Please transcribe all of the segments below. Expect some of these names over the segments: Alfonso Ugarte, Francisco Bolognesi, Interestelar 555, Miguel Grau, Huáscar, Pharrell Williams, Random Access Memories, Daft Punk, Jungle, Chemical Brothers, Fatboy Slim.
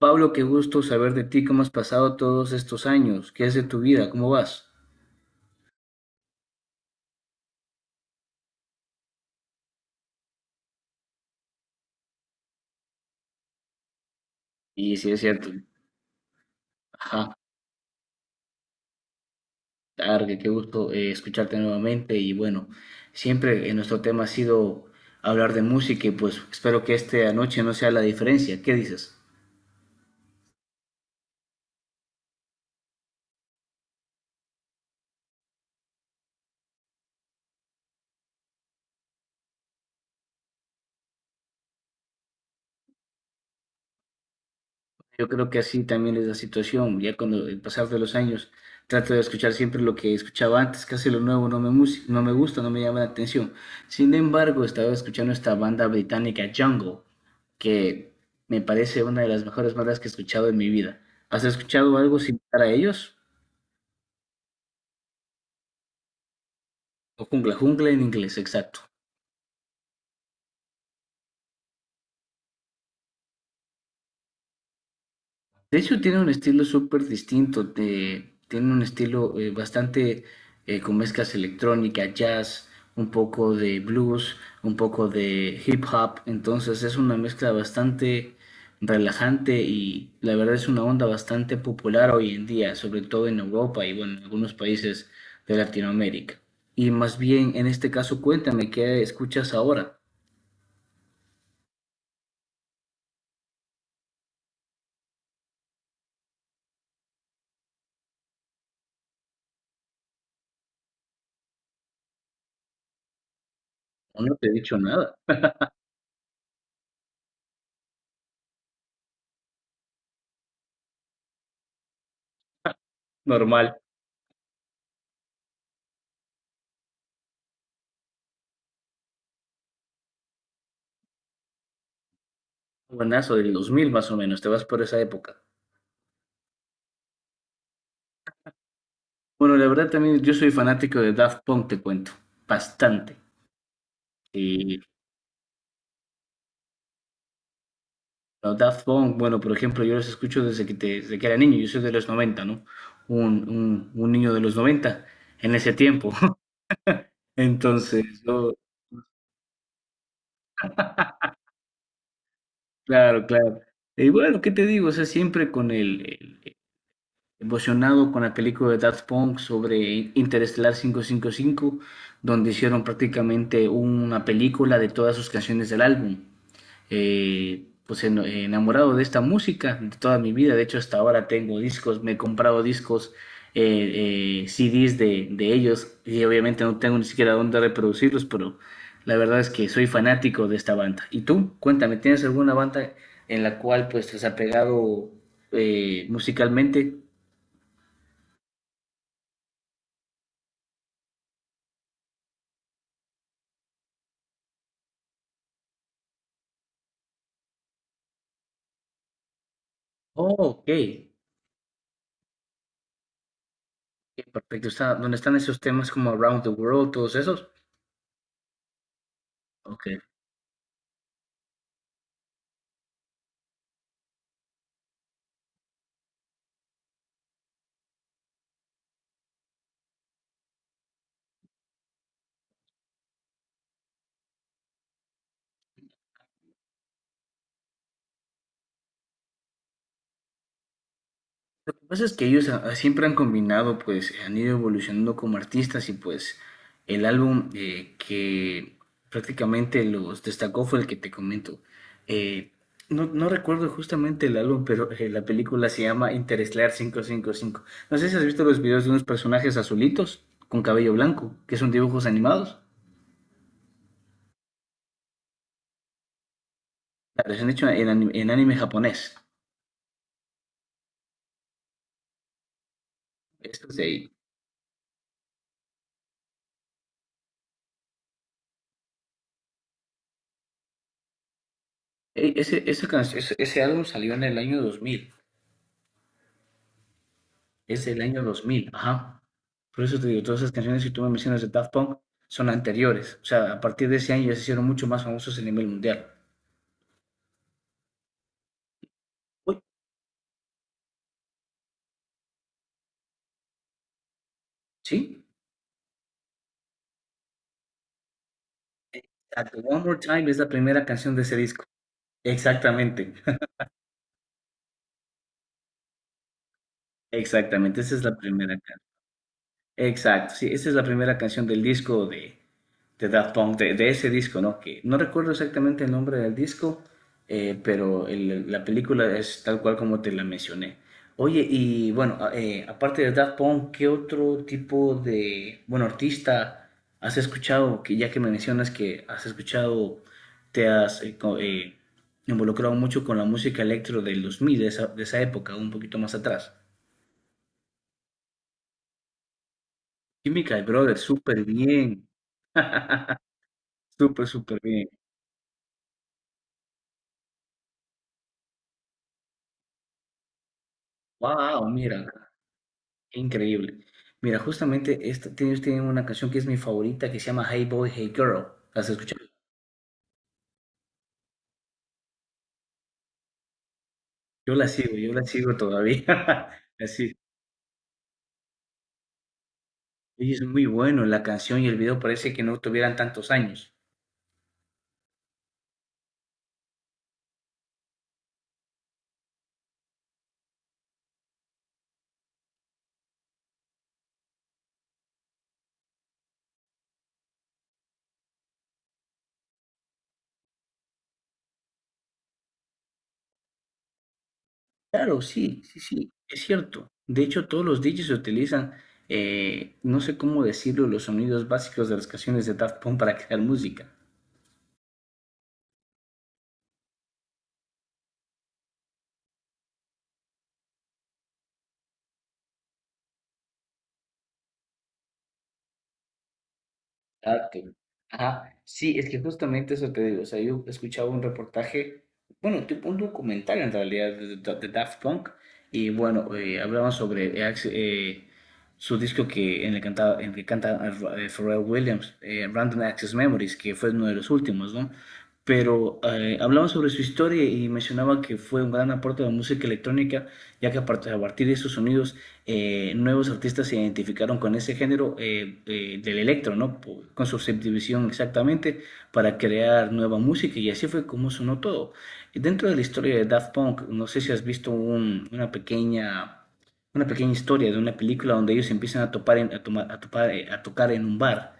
Pablo, qué gusto saber de ti. ¿Cómo has pasado todos estos años? ¿Qué es de tu vida? ¿Cómo vas? Y sí, es cierto, ajá. Targue, qué gusto escucharte nuevamente. Y bueno, siempre nuestro tema ha sido hablar de música y pues espero que esta noche no sea la diferencia. ¿Qué dices? Yo creo que así también es la situación. Ya con el pasar de los años trato de escuchar siempre lo que escuchaba antes. Casi lo nuevo no me, no me gusta, no me llama la atención. Sin embargo, estaba escuchando esta banda británica Jungle, que me parece una de las mejores bandas que he escuchado en mi vida. ¿Has escuchado algo similar a ellos? O Jungla, Jungla en inglés, exacto. De hecho, tiene un estilo súper distinto. Tiene un estilo bastante con mezclas electrónica, jazz, un poco de blues, un poco de hip hop. Entonces es una mezcla bastante relajante y la verdad es una onda bastante popular hoy en día, sobre todo en Europa y bueno, en algunos países de Latinoamérica. Y más bien, en este caso, cuéntame qué escuchas ahora. No te he dicho nada. Normal. Buenazo del 2000 más o menos. Te vas por esa época. Bueno, la verdad también yo soy fanático de Daft Punk, te cuento, bastante. Y los Daft Punk, bueno, por ejemplo, yo los escucho desde desde que era niño. Yo soy de los 90, ¿no? Un niño de los 90 en ese tiempo. Entonces, yo, claro, claro. Y bueno, ¿qué te digo? O sea, siempre con el- emocionado con la película de Daft Punk sobre Interestelar 555, donde hicieron prácticamente una película de todas sus canciones del álbum. Pues enamorado de esta música de toda mi vida. De hecho, hasta ahora tengo discos, me he comprado discos, CDs de ellos y obviamente no tengo ni siquiera dónde reproducirlos, pero la verdad es que soy fanático de esta banda. ¿Y tú? Cuéntame, ¿tienes alguna banda en la cual pues te has apegado musicalmente? Oh, ok. Ok, perfecto. Está, ¿dónde están esos temas como Around the World, todos esos? Ok. Lo que pasa es que ellos ah, siempre han combinado, pues han ido evolucionando como artistas y pues el álbum que prácticamente los destacó fue el que te comento. Eh, no, no recuerdo justamente el álbum, pero la película se llama Interestelar quinientos cincuenta y cinco. No sé si has visto los videos de unos personajes azulitos con cabello blanco, que son dibujos animados. Claro, se han hecho en, en anime japonés. Esto es de ahí. Ese, esa can- Ese álbum salió en el año 2000. Es del año dos mil, ajá. Por eso te digo, todas esas canciones que tú me mencionas de Daft Punk son anteriores. O sea, a partir de ese año ya se hicieron mucho más famosos a nivel mundial. Uy, ¿sí? Exacto. One More Time es la primera canción de ese disco. Exactamente. Exactamente, esa es la primera canción. Exacto, sí, esa es la primera canción del disco de Daft Punk, de ese disco, ¿no? Que no recuerdo exactamente el nombre del disco, pero la película es tal cual como te la mencioné. Oye, y bueno, aparte de Daft Punk, ¿qué otro tipo de, bueno, artista has escuchado? Que ya que me mencionas que has escuchado, te has involucrado mucho con la música electro del dos mil, de esa época, un poquito más atrás. Chemical Brothers, súper bien. Súper, súper bien. Wow, mira. Increíble. Mira, justamente esta, ellos tienen una canción que es mi favorita que se llama Hey Boy, Hey Girl. ¿Las has escuchado? Yo la sigo todavía. Así. Y es muy bueno la canción y el video parece que no tuvieran tantos años. Claro, sí, sí, sí, es cierto. De hecho, todos los DJs utilizan, no sé cómo decirlo, los sonidos básicos de las canciones de Daft Punk para crear música. Exacto. Ajá, sí, es que justamente eso te digo. O sea, yo escuchaba un reportaje, bueno, tipo un documental en realidad de, de Daft Punk, y bueno, hablaban sobre su disco que en el, cantaba, en el que canta Pharrell Williams, Random Access Memories, que fue uno de los últimos, ¿no? Pero hablaba sobre su historia y mencionaba que fue un gran aporte a la música electrónica, ya que a partir de esos sonidos nuevos artistas se identificaron con ese género del electro, ¿no? Con su subdivisión exactamente para crear nueva música y así fue como sonó todo. Y dentro de la historia de Daft Punk, no sé si has visto una pequeña historia de una película donde ellos empiezan a topar en- a tomar- a topar, a tocar en un bar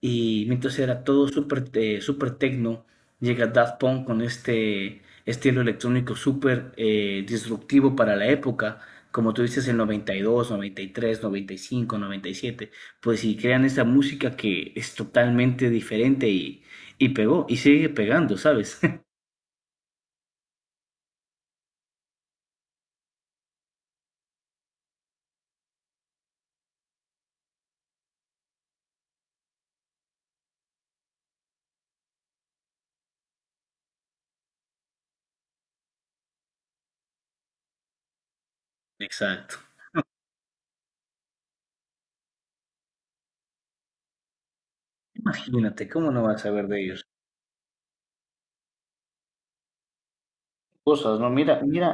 y mientras era todo súper súper tecno, llega Daft Punk con este estilo electrónico súper disruptivo para la época, como tú dices, el 92, 93, 95, 97. Pues si crean esa música que es totalmente diferente y pegó, y sigue pegando, ¿sabes? Exacto. Imagínate, ¿cómo no vas a ver de ellos cosas, no? Mira, mira,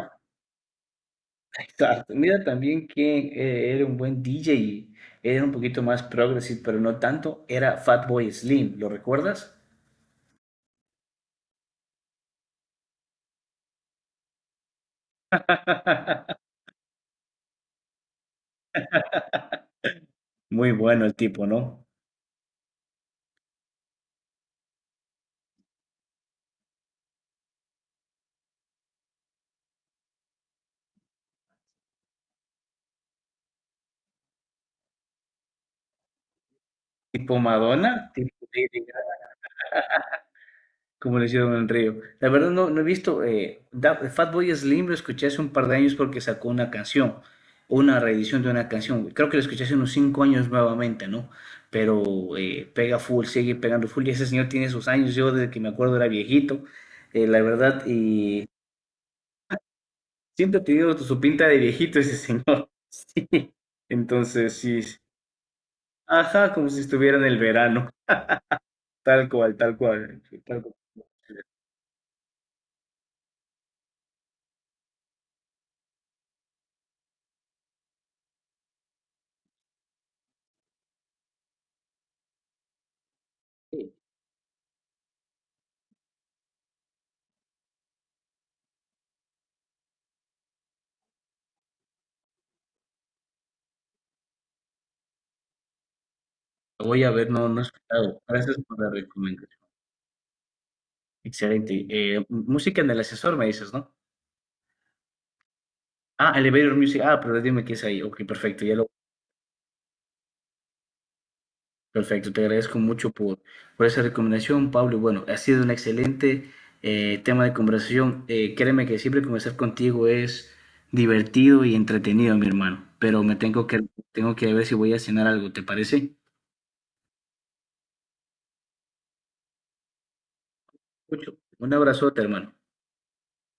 exacto. Mira también que era un buen DJ, era un poquito más progressive, pero no tanto, era Fatboy Slim, ¿lo recuerdas? Muy bueno el tipo, ¿no? Tipo Madonna, tipo Lady, como lo hicieron en Río. La verdad no, no he visto, Fatboy Slim lo escuché hace un par de años porque sacó una canción, una reedición de una canción. Creo que lo escuché hace unos 5 años nuevamente, ¿no? Pero pega full, sigue pegando full y ese señor tiene sus años. Yo desde que me acuerdo era viejito, la verdad, y siempre ha tenido su pinta de viejito ese señor. Sí, entonces sí, sí. Ajá, como si estuviera en el verano, tal cual, tal cual, tal cual. Lo voy a ver, no, no he escuchado. Gracias por la recomendación. Excelente. Música en el ascensor, me dices, ¿no? Ah, Elevator Music. Ah, pero dime qué es ahí. Ok, perfecto. Ya lo, perfecto. Te agradezco mucho por esa recomendación, Pablo. Y bueno, ha sido un excelente tema de conversación. Créeme que siempre conversar contigo es divertido y entretenido, mi hermano. Pero me tengo que ver si voy a cenar algo, ¿te parece? Mucho. Un abrazote, hermano.